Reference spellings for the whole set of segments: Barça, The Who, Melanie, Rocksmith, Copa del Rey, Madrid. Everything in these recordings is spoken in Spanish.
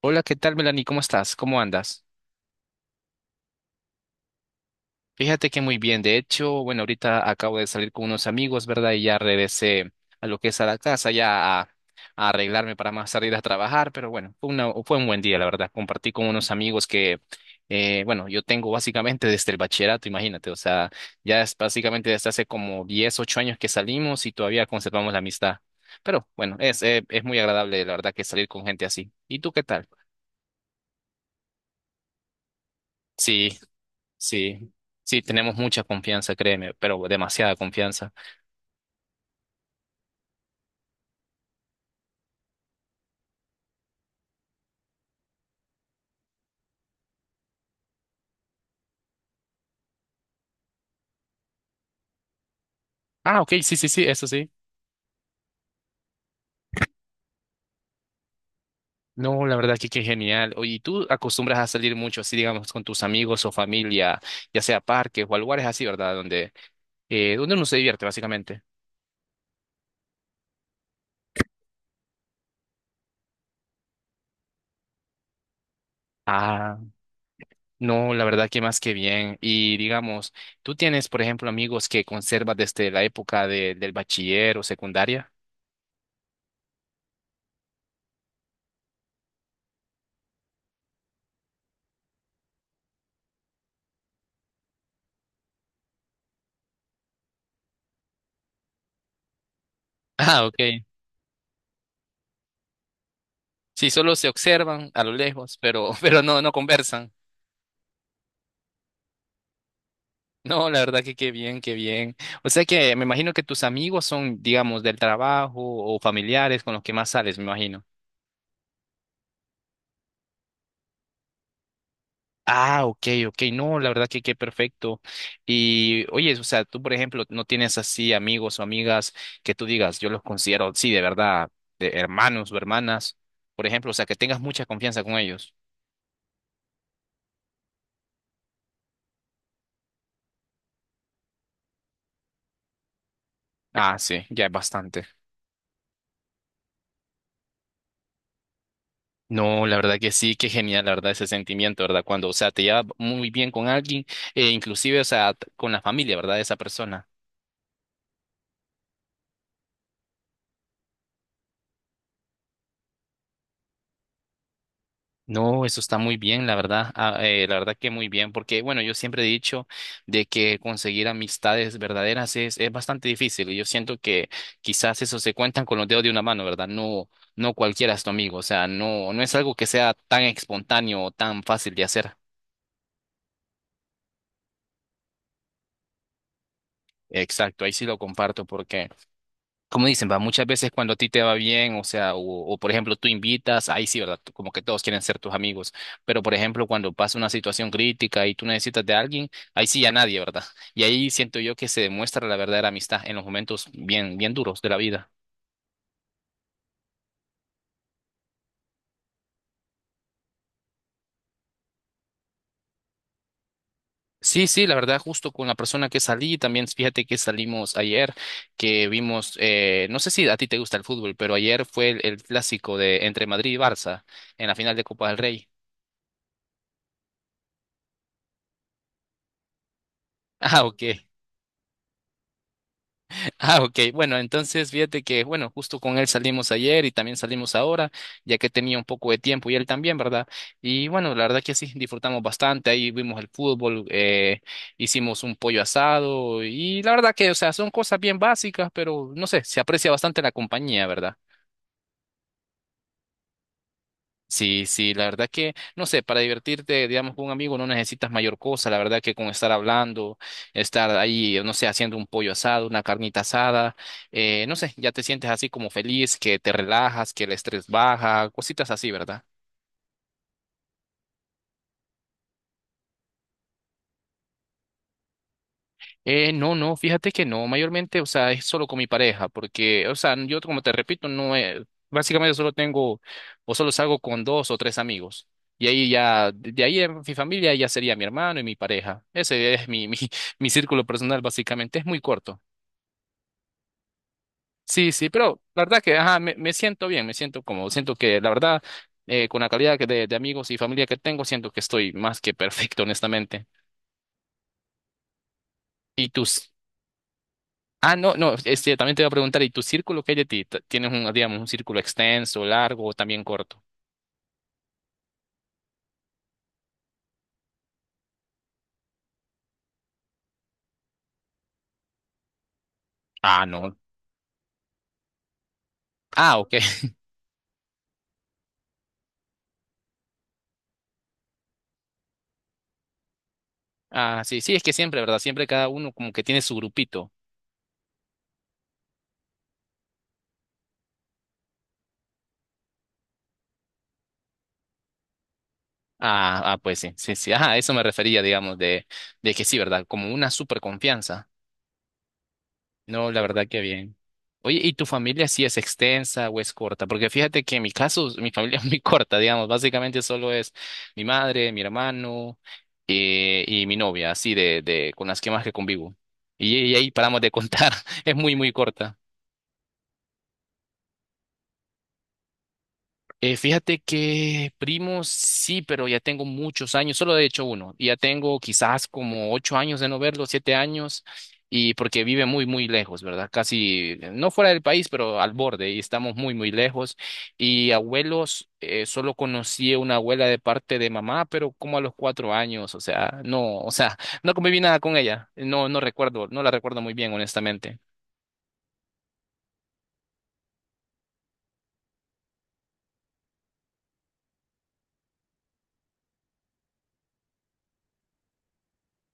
Hola, ¿qué tal, Melanie? ¿Cómo estás? ¿Cómo andas? Fíjate que muy bien. De hecho, bueno, ahorita acabo de salir con unos amigos, ¿verdad? Y ya regresé a lo que es a la casa, ya a arreglarme para más salir a trabajar. Pero bueno, fue un buen día, la verdad. Compartí con unos amigos que, bueno, yo tengo básicamente desde el bachillerato, imagínate. O sea, ya es básicamente desde hace como 10, 8 años que salimos y todavía conservamos la amistad. Pero bueno, es muy agradable, la verdad, que salir con gente así. ¿Y tú qué tal? Sí. Sí, sí, tenemos mucha confianza, créeme, pero demasiada confianza. Ah, ok, sí, sí, sí, eso sí. No, la verdad que qué genial. Oye, ¿y tú acostumbras a salir mucho así, digamos, con tus amigos o familia, ya sea a parques o a lugares así, ¿verdad? Donde uno se divierte, básicamente. Ah, no, la verdad que más que bien. Y digamos, ¿tú tienes, por ejemplo, amigos que conservas desde la época del bachiller o secundaria? Ah, ok. Sí, solo se observan a lo lejos, pero, pero no conversan. No, la verdad que qué bien, qué bien. O sea que me imagino que tus amigos son, digamos, del trabajo o familiares con los que más sales, me imagino. Ah, ok, ok, no, la verdad que qué perfecto. Y oye, o sea, tú, por ejemplo, no tienes así amigos o amigas que tú digas, yo los considero, sí, de verdad, de hermanos o hermanas, por ejemplo, o sea, que tengas mucha confianza con ellos. Ah, sí, ya es bastante. No, la verdad que sí, qué genial, la verdad, ese sentimiento, ¿verdad? Cuando, o sea, te llevas muy bien con alguien, inclusive, o sea, con la familia, ¿verdad? De esa persona. No, eso está muy bien, la verdad, la verdad que muy bien, porque, bueno, yo siempre he dicho de que conseguir amistades verdaderas es bastante difícil, y yo siento que quizás eso se cuentan con los dedos de una mano, ¿verdad? No, no cualquiera es tu amigo, o sea, no, no es algo que sea tan espontáneo o tan fácil de hacer. Exacto, ahí sí lo comparto porque como dicen, va, muchas veces cuando a ti te va bien, o sea, por ejemplo tú invitas, ahí sí, ¿verdad? Como que todos quieren ser tus amigos, pero por ejemplo cuando pasa una situación crítica y tú necesitas de alguien, ahí sí ya nadie, ¿verdad? Y ahí siento yo que se demuestra la verdadera amistad en los momentos bien, bien duros de la vida. Sí, sí, la verdad, justo con la persona que salí, también fíjate que salimos ayer, que vimos, no sé si a ti te gusta el fútbol, pero ayer fue el clásico de entre Madrid y Barça en la final de Copa del Rey. Ah, ok. Ah, ok. Bueno, entonces fíjate que, bueno, justo con él salimos ayer y también salimos ahora, ya que tenía un poco de tiempo y él también, ¿verdad? Y bueno, la verdad que sí, disfrutamos bastante. Ahí vimos el fútbol, hicimos un pollo asado y la verdad que, o sea, son cosas bien básicas, pero no sé, se aprecia bastante la compañía, ¿verdad? Sí, sí, la verdad que, no sé, para divertirte, digamos, con un amigo no necesitas mayor cosa, la verdad que con estar hablando, estar ahí, no sé, haciendo un pollo asado, una carnita asada, no sé, ya te sientes así como feliz, que te relajas, que el estrés baja, cositas así, ¿verdad? No, no, fíjate que no, mayormente, o sea, es solo con mi pareja, porque, o sea, yo como te repito, no es, básicamente solo tengo, o solo salgo con dos o tres amigos. Y ahí ya, de ahí en mi familia ya sería mi hermano y mi pareja. Ese es mi, mi círculo personal, básicamente, es muy corto. Sí, sí, pero la verdad que, ajá, me siento bien, me siento como, siento que la verdad, con la calidad de amigos y familia que tengo, siento que estoy más que perfecto, honestamente. ¿Y tú? Ah, no, no, este, también te voy a preguntar, ¿y tu círculo que hay de ti? ¿Tienes un, digamos, un círculo extenso, largo o también corto? Ah, no. Ah, ok. Ah, sí, sí, es que siempre, ¿verdad? Siempre cada uno como que tiene su grupito. Ah, ah, pues sí, sí, sí. Ajá, a eso me refería, digamos, de que sí, ¿verdad? Como una super confianza. No, la verdad que bien. Oye, ¿y tu familia sí es extensa o es corta? Porque fíjate que en mi caso, mi familia es muy corta, digamos. Básicamente solo es mi madre, mi hermano, y mi novia, así de con las que más que convivo. Y ahí paramos de contar. Es muy, muy corta. Fíjate que primos sí, pero ya tengo muchos años, solo he hecho uno, y ya tengo quizás como 8 años de no verlo, 7 años, y porque vive muy, muy lejos, ¿verdad? Casi, no fuera del país, pero al borde, y estamos muy, muy lejos. Y abuelos, solo conocí a una abuela de parte de mamá, pero como a los 4 años, o sea, no conviví nada con ella, no, no recuerdo, no la recuerdo muy bien, honestamente.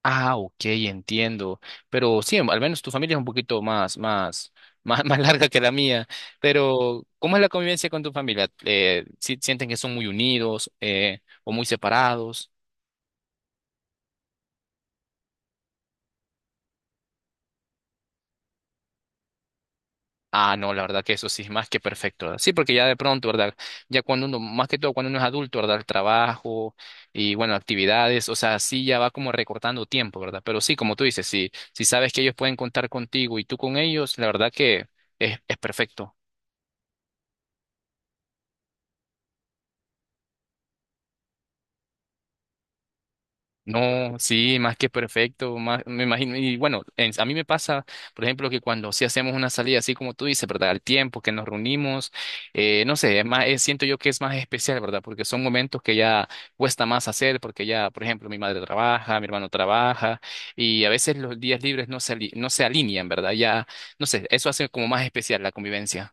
Ah, ok, entiendo. Pero sí, al menos tu familia es un poquito más, más, más, más larga que la mía. Pero, ¿cómo es la convivencia con tu familia? ¿Sienten que son muy unidos, o muy separados? Ah, no, la verdad que eso sí es más que perfecto, ¿verdad? Sí, porque ya de pronto, ¿verdad? Ya cuando uno, más que todo cuando uno es adulto, ¿verdad? El trabajo y, bueno, actividades, o sea, sí ya va como recortando tiempo, ¿verdad? Pero sí, como tú dices, sí, si sabes que ellos pueden contar contigo y tú con ellos, la verdad que es perfecto. No, sí, más que perfecto, más, me imagino, y bueno, a mí me pasa, por ejemplo, que cuando sí hacemos una salida, así como tú dices, ¿verdad? Al tiempo que nos reunimos, no sé, es más, siento yo que es más especial, ¿verdad? Porque son momentos que ya cuesta más hacer, porque ya, por ejemplo, mi madre trabaja, mi hermano trabaja, y a veces los días libres no se alinean, ¿verdad? Ya, no sé, eso hace como más especial la convivencia.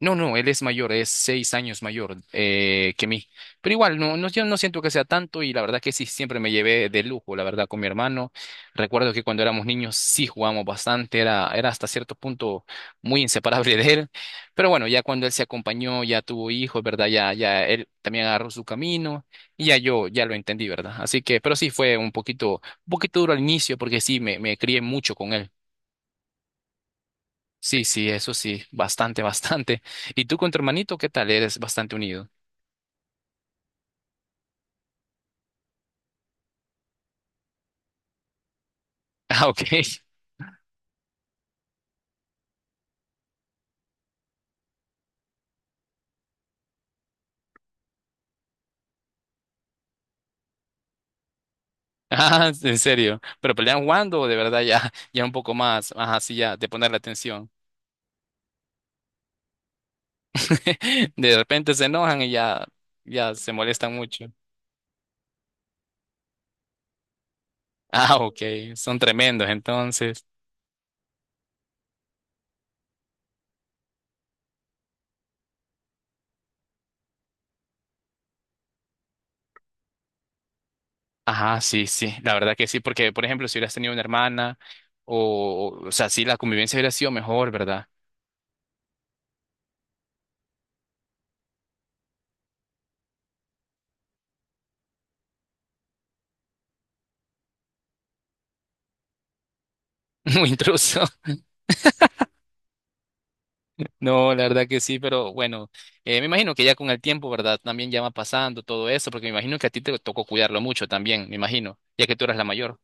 No, no, él es mayor, es 6 años mayor, que mí. Pero igual, no, no, yo no siento que sea tanto y la verdad que sí, siempre me llevé de lujo, la verdad, con mi hermano. Recuerdo que cuando éramos niños sí jugamos bastante, era hasta cierto punto muy inseparable de él. Pero bueno, ya cuando él se acompañó, ya tuvo hijos, ¿verdad? Ya él también agarró su camino y ya yo ya lo entendí, ¿verdad? Así que, pero sí fue un poquito duro al inicio porque sí, me crié mucho con él. Sí, sí, eso sí, bastante, bastante. ¿Y tú con tu hermanito qué tal? Eres bastante unido. Ah, ok. Ah, en serio. ¿Pero pelean jugando o de verdad ya, un poco más, ajá, sí, ya, de poner la atención? De repente se enojan y ya se molestan mucho. Ah, ok. Son tremendos, entonces. Ajá, sí, sí, la verdad que sí, porque, por ejemplo, si hubieras tenido una hermana, o sea, sí, la convivencia hubiera sido mejor, ¿verdad? Muy intruso. No, la verdad que sí, pero bueno, me imagino que ya con el tiempo, ¿verdad? También ya va pasando todo eso, porque me imagino que a ti te tocó cuidarlo mucho también, me imagino, ya que tú eras la mayor.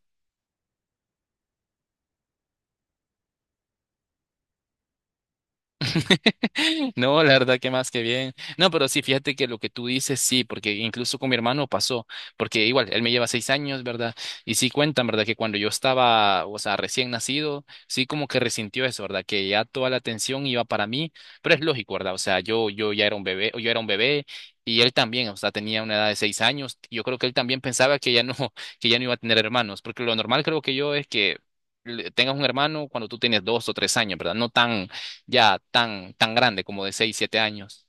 No, la verdad que más que bien. No, pero sí, fíjate que lo que tú dices, sí, porque incluso con mi hermano pasó, porque igual, él me lleva 6 años, ¿verdad? Y sí cuentan, ¿verdad? Que cuando yo estaba, o sea, recién nacido, sí como que resintió eso, ¿verdad? Que ya toda la atención iba para mí, pero es lógico, ¿verdad? O sea, yo ya era un bebé, yo era un bebé. Y él también, o sea, tenía una edad de 6 años. Yo creo que él también pensaba que ya no, que ya no iba a tener hermanos, porque lo normal creo que yo es que tengas un hermano cuando tú tienes 2 o 3 años, ¿verdad? No tan, ya tan, tan grande como de 6 o 7 años.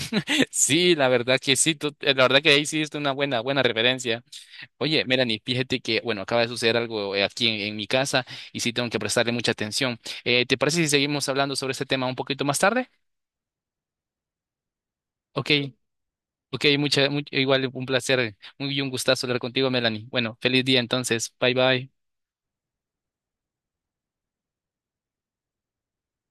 Sí, la verdad que sí, la verdad que ahí sí es una buena, buena referencia. Oye, Melanie, fíjate que, bueno, acaba de suceder algo, aquí en mi casa y sí tengo que prestarle mucha atención. ¿Te parece si seguimos hablando sobre este tema un poquito más tarde? Ok, ok, igual un placer, muy un gustazo hablar contigo, Melanie. Bueno, feliz día entonces, bye bye.